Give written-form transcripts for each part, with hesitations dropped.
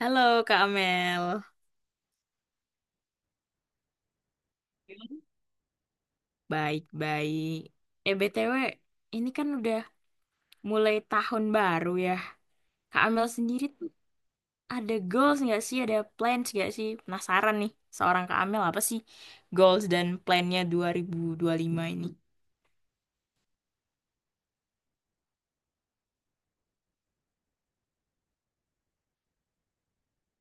Halo Kak Amel. Baik-baik. Eh, BTW, ini kan udah mulai tahun baru ya. Kak Amel sendiri tuh ada goals nggak sih? Ada plans nggak sih? Penasaran nih, seorang Kak Amel apa sih goals dan plannya dua 2025 ini?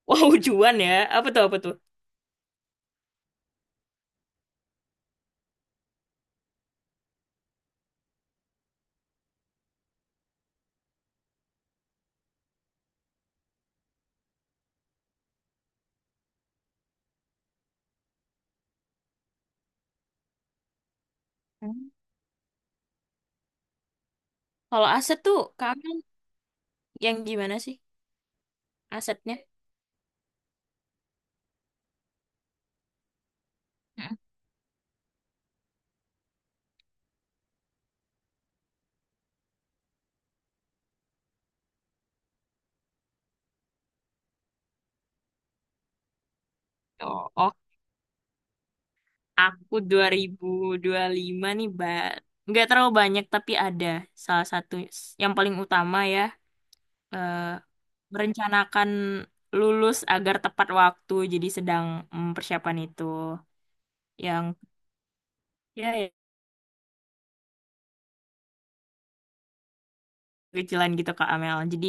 Wow, cuan ya. Apa tuh, apa tuh? Hmm. Kalau aset tuh Kak Amel yang gimana sih asetnya? Aku dua 2025 nih, Mbak. Nggak terlalu banyak, tapi ada salah satu yang paling utama ya. eh, Merencanakan lulus agar tepat waktu, jadi sedang mempersiapkan itu. Yang Ya, ya, kecilan gitu Kak Amel. Jadi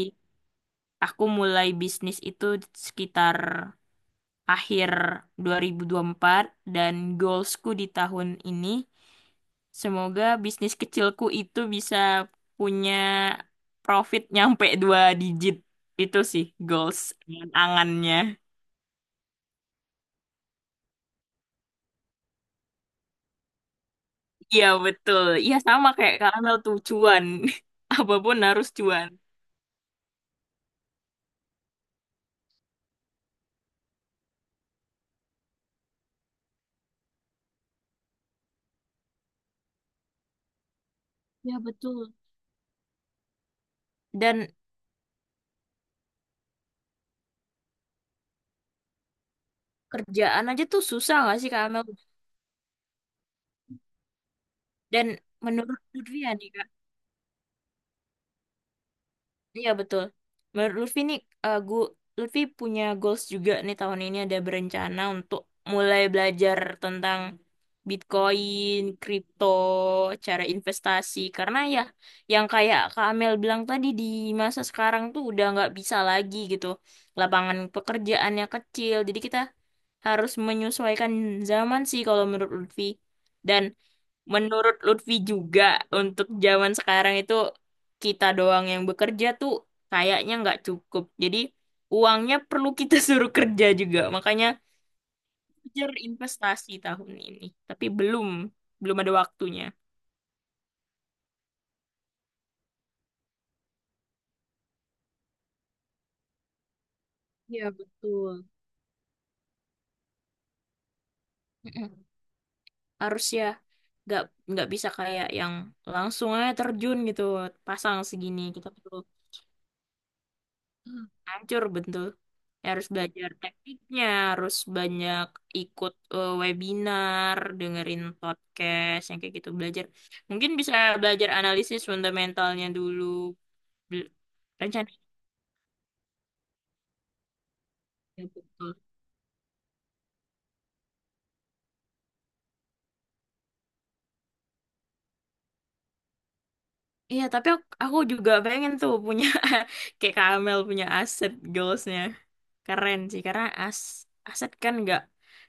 aku mulai bisnis itu sekitar akhir 2024 dan goalsku di tahun ini semoga bisnis kecilku itu bisa punya profit nyampe dua digit. Itu sih goals angannya. Iya betul. Iya sama kayak karena tuh cuan. Apapun harus cuan. Iya betul. Dan kerjaan aja tuh susah gak sih Kak Amel? Dan menurut Putri ya nih Kak. Iya betul. Menurut Lutfi nih, eh, gu- Lutfi punya goals juga nih tahun ini ada berencana untuk mulai belajar tentang Bitcoin, kripto, cara investasi. Karena ya, yang kayak Kak Amel bilang tadi di masa sekarang tuh udah nggak bisa lagi gitu. Lapangan pekerjaannya kecil, jadi kita harus menyesuaikan zaman sih kalau menurut Lutfi. Dan menurut Lutfi juga untuk zaman sekarang itu kita doang yang bekerja tuh kayaknya nggak cukup. Jadi uangnya perlu kita suruh kerja juga. Makanya kejar investasi tahun ini. Tapi belum ada waktunya. Iya, betul. Mm-mm. Harusnya nggak nggak bisa kayak yang langsung aja terjun gitu pasang segini kita perlu hancur betul. Ya, harus belajar tekniknya harus banyak ikut webinar dengerin podcast yang kayak gitu belajar mungkin bisa belajar analisis fundamentalnya dulu. Bel- Rencana betul. Iya tapi aku juga pengen tuh punya kayak Kamel punya aset goalsnya keren sih karena aset kan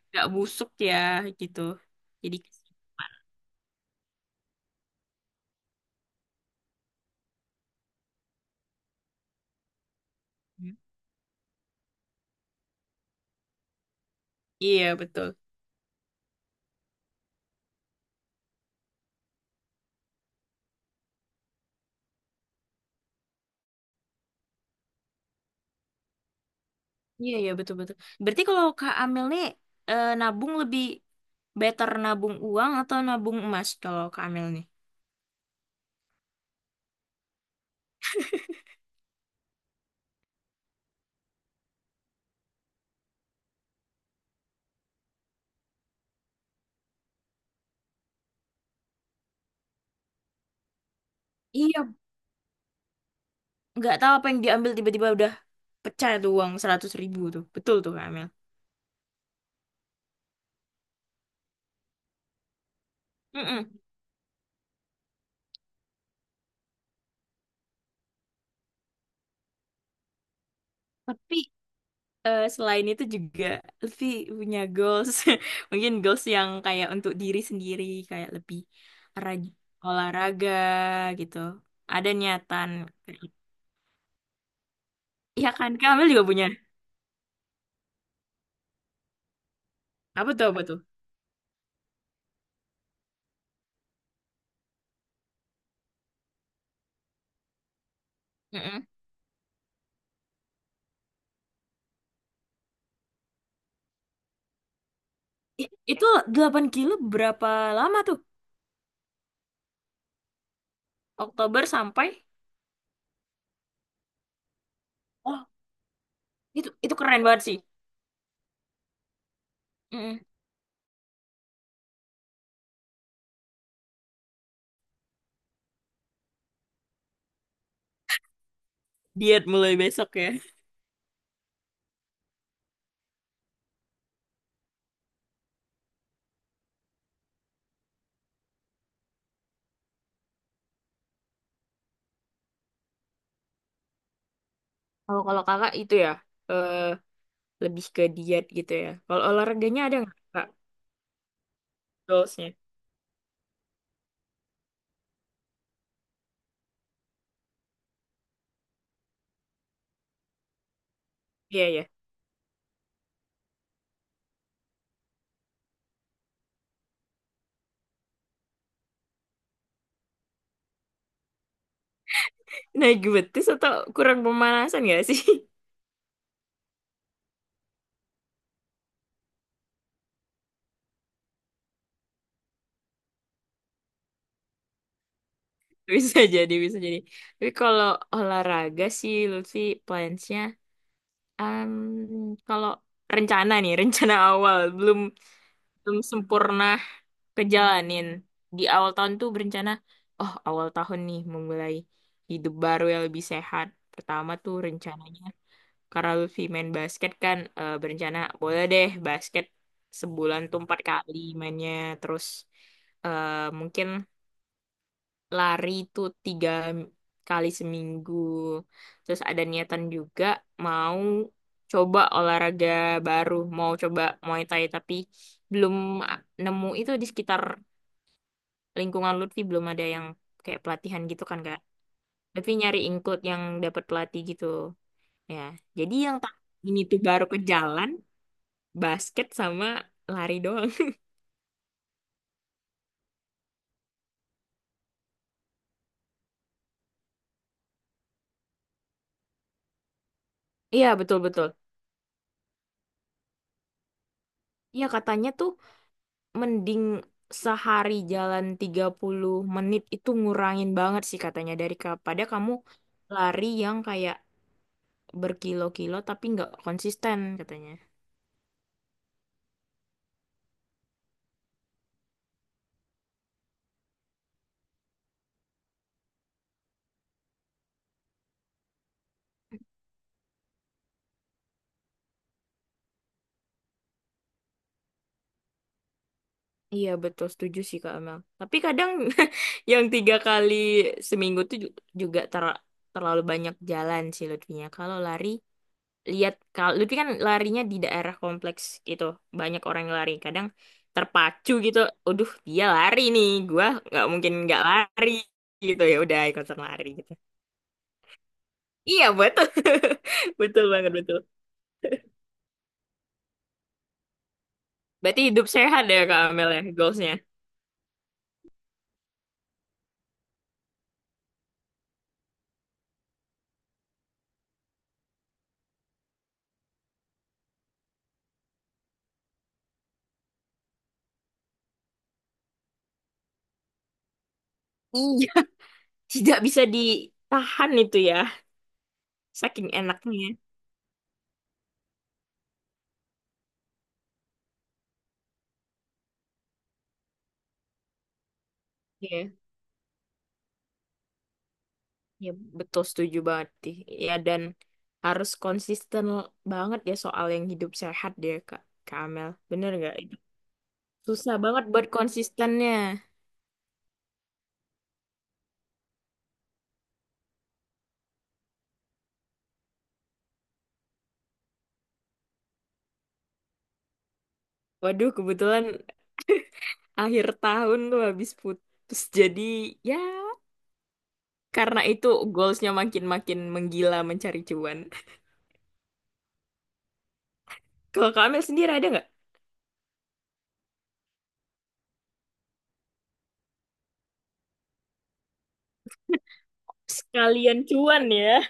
nggak busuk ya gitu jadi iya betul. Iya, iya, betul-betul. Berarti kalau Kak Amel nih nabung lebih better nabung uang atau nabung emas kalau Kak Amel nih? Iya, nggak tahu apa yang diambil tiba-tiba udah pecah tuh uang 100.000 tuh. Betul tuh Kak Amel. Mm-mm. Tapi selain itu juga Lutfi punya goals. Mungkin goals yang kayak untuk diri sendiri. Kayak lebih rajin olahraga gitu. Ada niatan. Iya kan, Kak Amel juga punya. Apa tuh, apa tuh? Itu 8 kilo berapa lama tuh? Oktober sampai. Oh, itu keren banget sih. Mm-mm. Diet mulai besok ya. Kalau Kalau kakak itu ya eh, lebih ke diet gitu ya. Kalau olahraganya ada nggak kak goalsnya? Iya ya. Naik betis atau kurang pemanasan nggak sih? Bisa jadi, bisa jadi. Tapi kalau olahraga sih, Lutfi plansnya, em, kalau rencana nih, rencana awal belum belum sempurna kejalanin. Di awal tahun tuh berencana, oh awal tahun nih memulai hidup baru yang lebih sehat. Pertama tuh rencananya, karena Lutfi main basket kan, berencana boleh deh basket sebulan tuh empat kali mainnya. Terus eh, mungkin lari itu tiga kali seminggu. Terus ada niatan juga mau coba olahraga baru, mau coba Muay Thai tapi belum nemu itu di sekitar lingkungan Lutfi belum ada yang kayak pelatihan gitu kan Kak. Tapi nyari include yang dapat pelatih gitu. Ya, jadi yang tak ini tuh baru ke jalan basket sama lari doang. Iya, betul-betul. Iya, katanya tuh mending sehari jalan 30 menit itu ngurangin banget sih katanya dari kepada kamu lari yang kayak berkilo-kilo tapi nggak konsisten katanya. Iya betul setuju sih Kak Amel. Tapi kadang yang tiga kali seminggu tuh juga terlalu banyak jalan sih Lutfinya. Kalau lari lihat kalau Lutfi kan larinya di daerah kompleks gitu banyak orang yang lari kadang terpacu gitu aduh dia lari nih gua nggak mungkin nggak lari gitu ya udah ikutan lari gitu iya betul. Betul banget betul berarti hidup sehat ya Kak Amel ya goalsnya. Iya. Tidak bisa ditahan itu ya saking enaknya. Iya, ya betul setuju banget sih. Ya dan harus konsisten banget ya soal yang hidup sehat deh Kak Kak Amel bener nggak. Susah banget buat konsistennya. Waduh, kebetulan akhir tahun tuh habis putus. Jadi ya karena itu goalsnya makin-makin menggila mencari cuan. Kalau Kak Amel sendiri ada nggak? Sekalian cuan ya.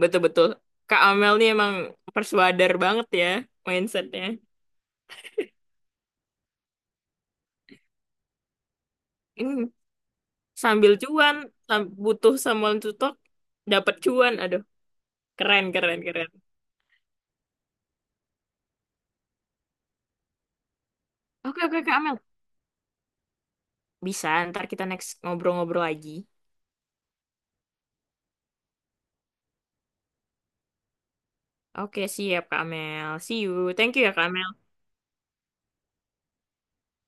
Betul-betul. Kak Amel nih emang persuader banget ya mindsetnya. Hmm, sambil cuan, butuh someone to talk, dapat cuan. Aduh, keren, keren, keren. Oke, oke Kak Amel. Bisa, ntar kita next ngobrol-ngobrol lagi. Oke, siap Kak Mel. See you. Thank you ya Kak Mel.